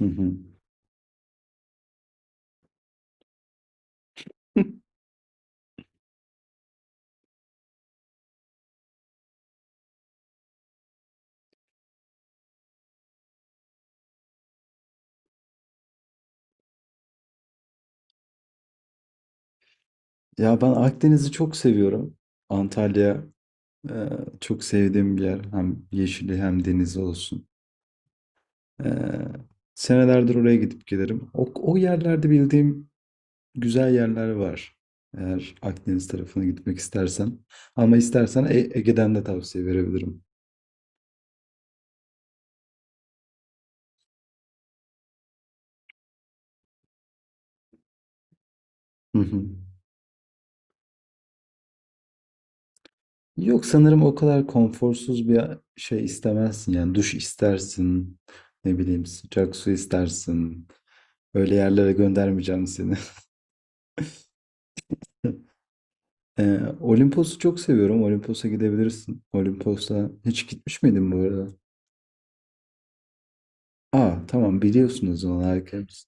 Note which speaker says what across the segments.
Speaker 1: Hı hı. Ya ben Akdeniz'i çok seviyorum. Antalya e, çok sevdiğim bir yer. Hem yeşili hem denizi olsun. E, Senelerdir oraya gidip gelirim. O yerlerde bildiğim güzel yerler var. Eğer Akdeniz tarafına gitmek istersen. Ama istersen Ege'den de tavsiye verebilirim. Hı hı. Yok sanırım o kadar konforsuz bir şey istemezsin. Yani duş istersin. Ne bileyim sıcak su istersin. Öyle yerlere göndermeyeceğim seni. Olimpos'u çok seviyorum. Olimpos'a gidebilirsin. Olimpos'a hiç gitmiş miydin bu arada? Aa, tamam, biliyorsunuz o zaman harikaymış.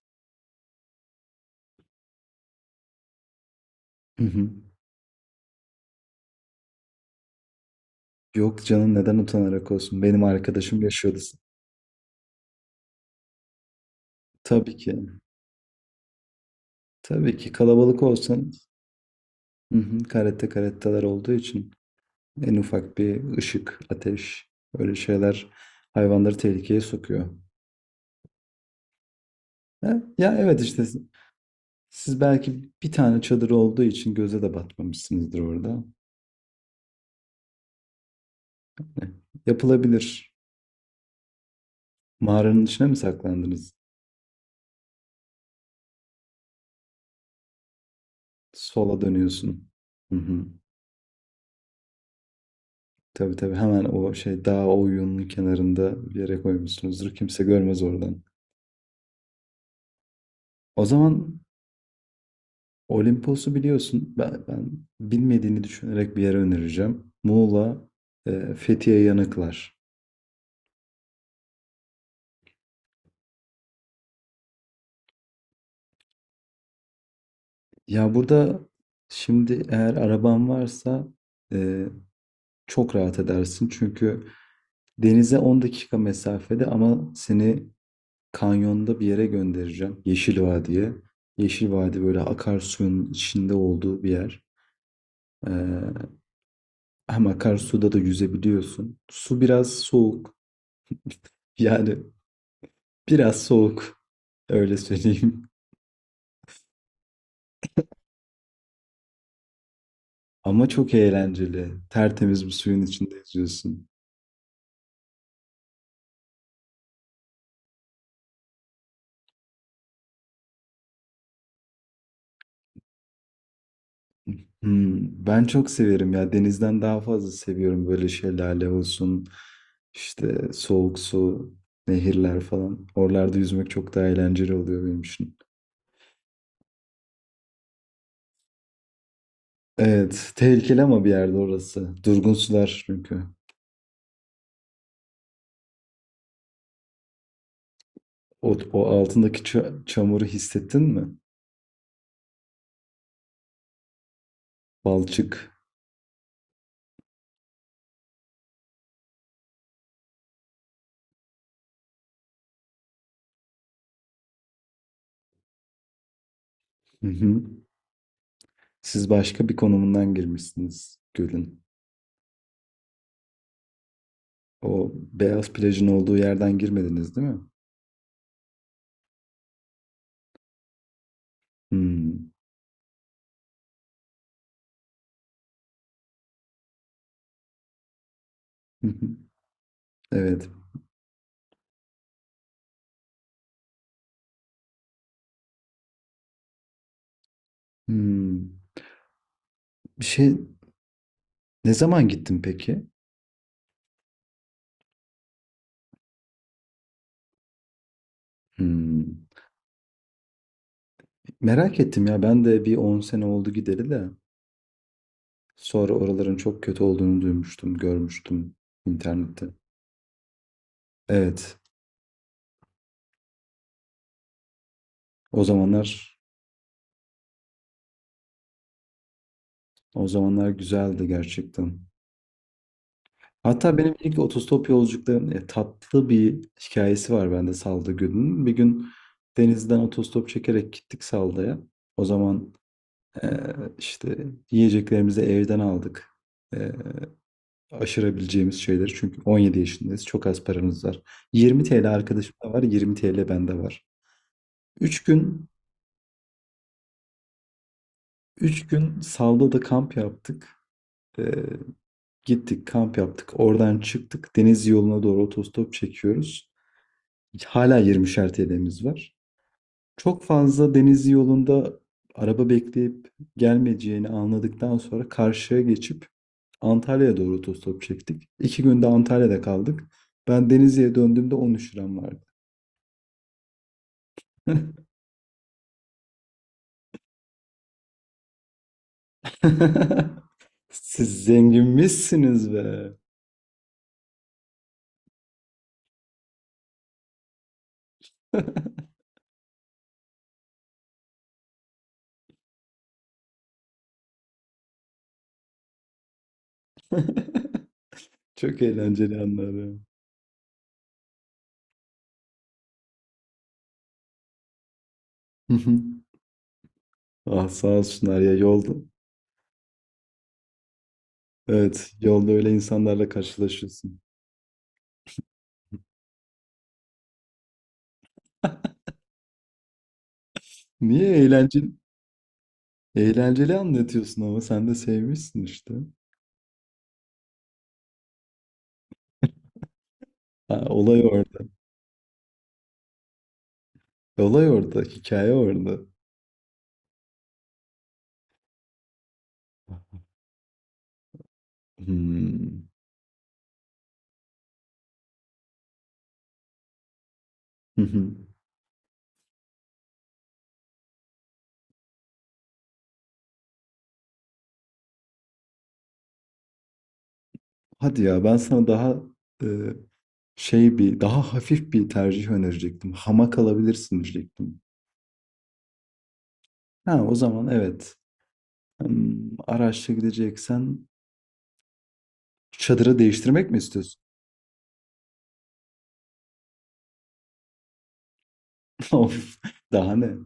Speaker 1: Hı hı. Yok canım, neden utanarak olsun? Benim arkadaşım yaşıyordu. Tabii ki. Tabii ki kalabalık olsan, hı hı, karette karetteler olduğu için en ufak bir ışık, ateş öyle şeyler hayvanları tehlikeye sokuyor. Ha? Ya evet, işte siz belki bir tane çadır olduğu için göze de batmamışsınızdır orada. Eh, yapılabilir. Mağaranın içine mi saklandınız? Sola dönüyorsun. Hı hı. Tabii tabii, hemen o şey dağ o kenarında bir yere koymuşsunuzdur. Kimse görmez oradan. O zaman Olimpos'u biliyorsun. Ben bilmediğini düşünerek bir yere önereceğim. Muğla, Fethiye Yanıklar. Ya burada şimdi eğer araban varsa e, çok rahat edersin. Çünkü denize 10 dakika mesafede ama seni Kanyonda bir yere göndereceğim. Yeşil Vadi'ye. Yeşil Vadi böyle akarsuyun içinde olduğu bir yer. Ee, Hem akarsuda da yüzebiliyorsun. Su biraz soğuk. Yani biraz soğuk. Öyle söyleyeyim. Ama çok eğlenceli. Tertemiz bir suyun içinde yüzüyorsun. Ben çok severim ya. Denizden daha fazla seviyorum, böyle şelale olsun. İşte soğuk su, nehirler falan. Oralarda yüzmek çok daha eğlenceli oluyor benim için. Evet, tehlikeli ama bir yerde orası. Durgun sular çünkü. O altındaki çamuru hissettin mi? Balçık. Hı hı. Siz başka bir konumundan girmişsiniz gölün. O beyaz plajın olduğu yerden girmediniz değil mi? Hmm. Hı hı. Evet. Hmm. Bir şey ne zaman gittin peki? Hmm. Merak ettim ya, ben de bir 10 sene oldu gideli de sonra oraların çok kötü olduğunu duymuştum, görmüştüm internette. Evet. O zamanlar O zamanlar güzeldi gerçekten. Hatta benim ilk otostop yolculuklarım, tatlı bir hikayesi var bende Salda Gölü'nün. Bir gün denizden otostop çekerek gittik Salda'ya. O zaman e, işte yiyeceklerimizi evden aldık. E, Aşırabileceğimiz şeyleri. Çünkü 17 yaşındayız. Çok az paramız var. 20 TL arkadaşımda var. 20 TL bende var. 3 gün 3 gün Salda'da kamp yaptık. E, Gittik, kamp yaptık. Oradan çıktık. Deniz yoluna doğru otostop çekiyoruz. Hala 20'şer TL'miz var. Çok fazla deniz yolunda araba bekleyip gelmeyeceğini anladıktan sonra karşıya geçip Antalya'ya doğru otostop çektik. 2 günde Antalya'da kaldık. Ben Denizli'ye döndüğümde 13 liram vardı. Siz zenginmişsiniz be. Çok eğlenceli anları. Ah, sağ olsunlar ya yolda. Evet, yolda öyle insanlarla karşılaşıyorsun. Niye eğlenceli, eğlenceli anlatıyorsun ama sen de sevmişsin işte. Ha, olay orada. Olay orada, hikaye orada. Hmm. Hı hı. Hadi ya, ben sana daha e, şey bir daha hafif bir tercih önerecektim. Hamak alabilirsin diyecektim. Ha, o zaman evet. Araçla gideceksen çadırı değiştirmek mi istiyorsun? Of, daha ne?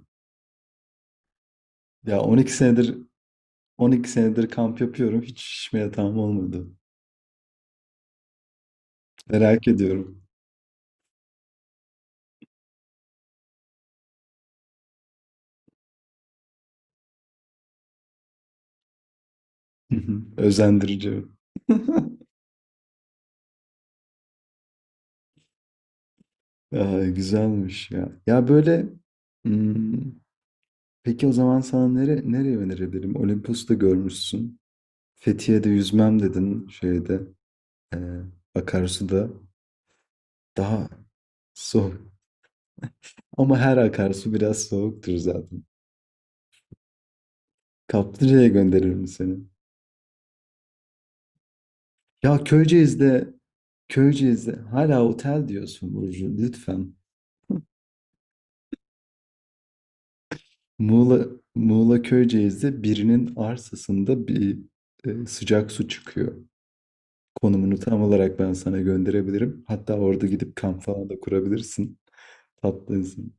Speaker 1: Ya 12 senedir 12 senedir kamp yapıyorum. Hiç şişme yatağım olmadı. Merak ediyorum. Hı hı. Özendirici. Ay, güzelmiş ya. Ya böyle, hmm, peki o zaman sana nereye önerebilirim? Olimpos'ta görmüşsün. Fethiye'de yüzmem dedin şeyde, e, akarsuda. Daha soğuk. Ama her akarsu biraz soğuktur zaten. Kaplıca'ya gönderirim seni. Ya Köyceğiz'de hala otel diyorsun Burcu. Lütfen. Muğla, Muğla Köyceğiz'de birinin arsasında bir sıcak su çıkıyor. Konumunu tam olarak ben sana gönderebilirim. Hatta orada gidip kamp falan da kurabilirsin. Tatlı insan.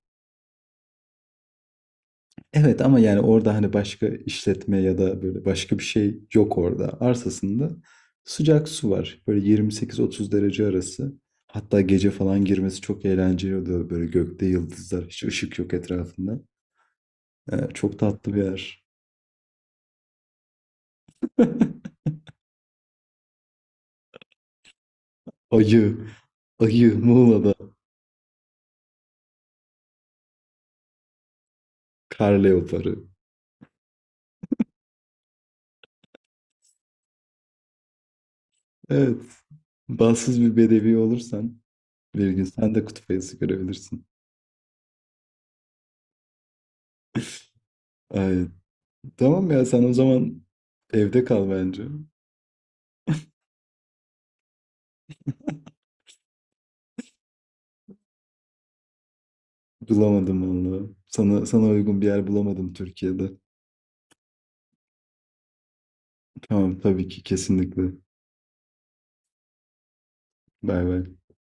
Speaker 1: Evet, ama yani orada hani başka işletme ya da böyle başka bir şey yok orada. Arsasında sıcak su var. Böyle 28-30 derece arası. Hatta gece falan girmesi çok eğlenceli oluyor. Böyle gökte yıldızlar, hiç ışık yok etrafında. Çok tatlı bir yer. Ayı. Ayı Muğla'da, kar leoparı. Evet. Bahtsız bir bedevi olursan bir gün sen de kutup ayısı görebilirsin. Ay, tamam ya, sen o zaman evde kal bence. Bulamadım vallahi. Sana uygun bir yer bulamadım Türkiye'de. Tamam, tabii ki, kesinlikle. Bay bay.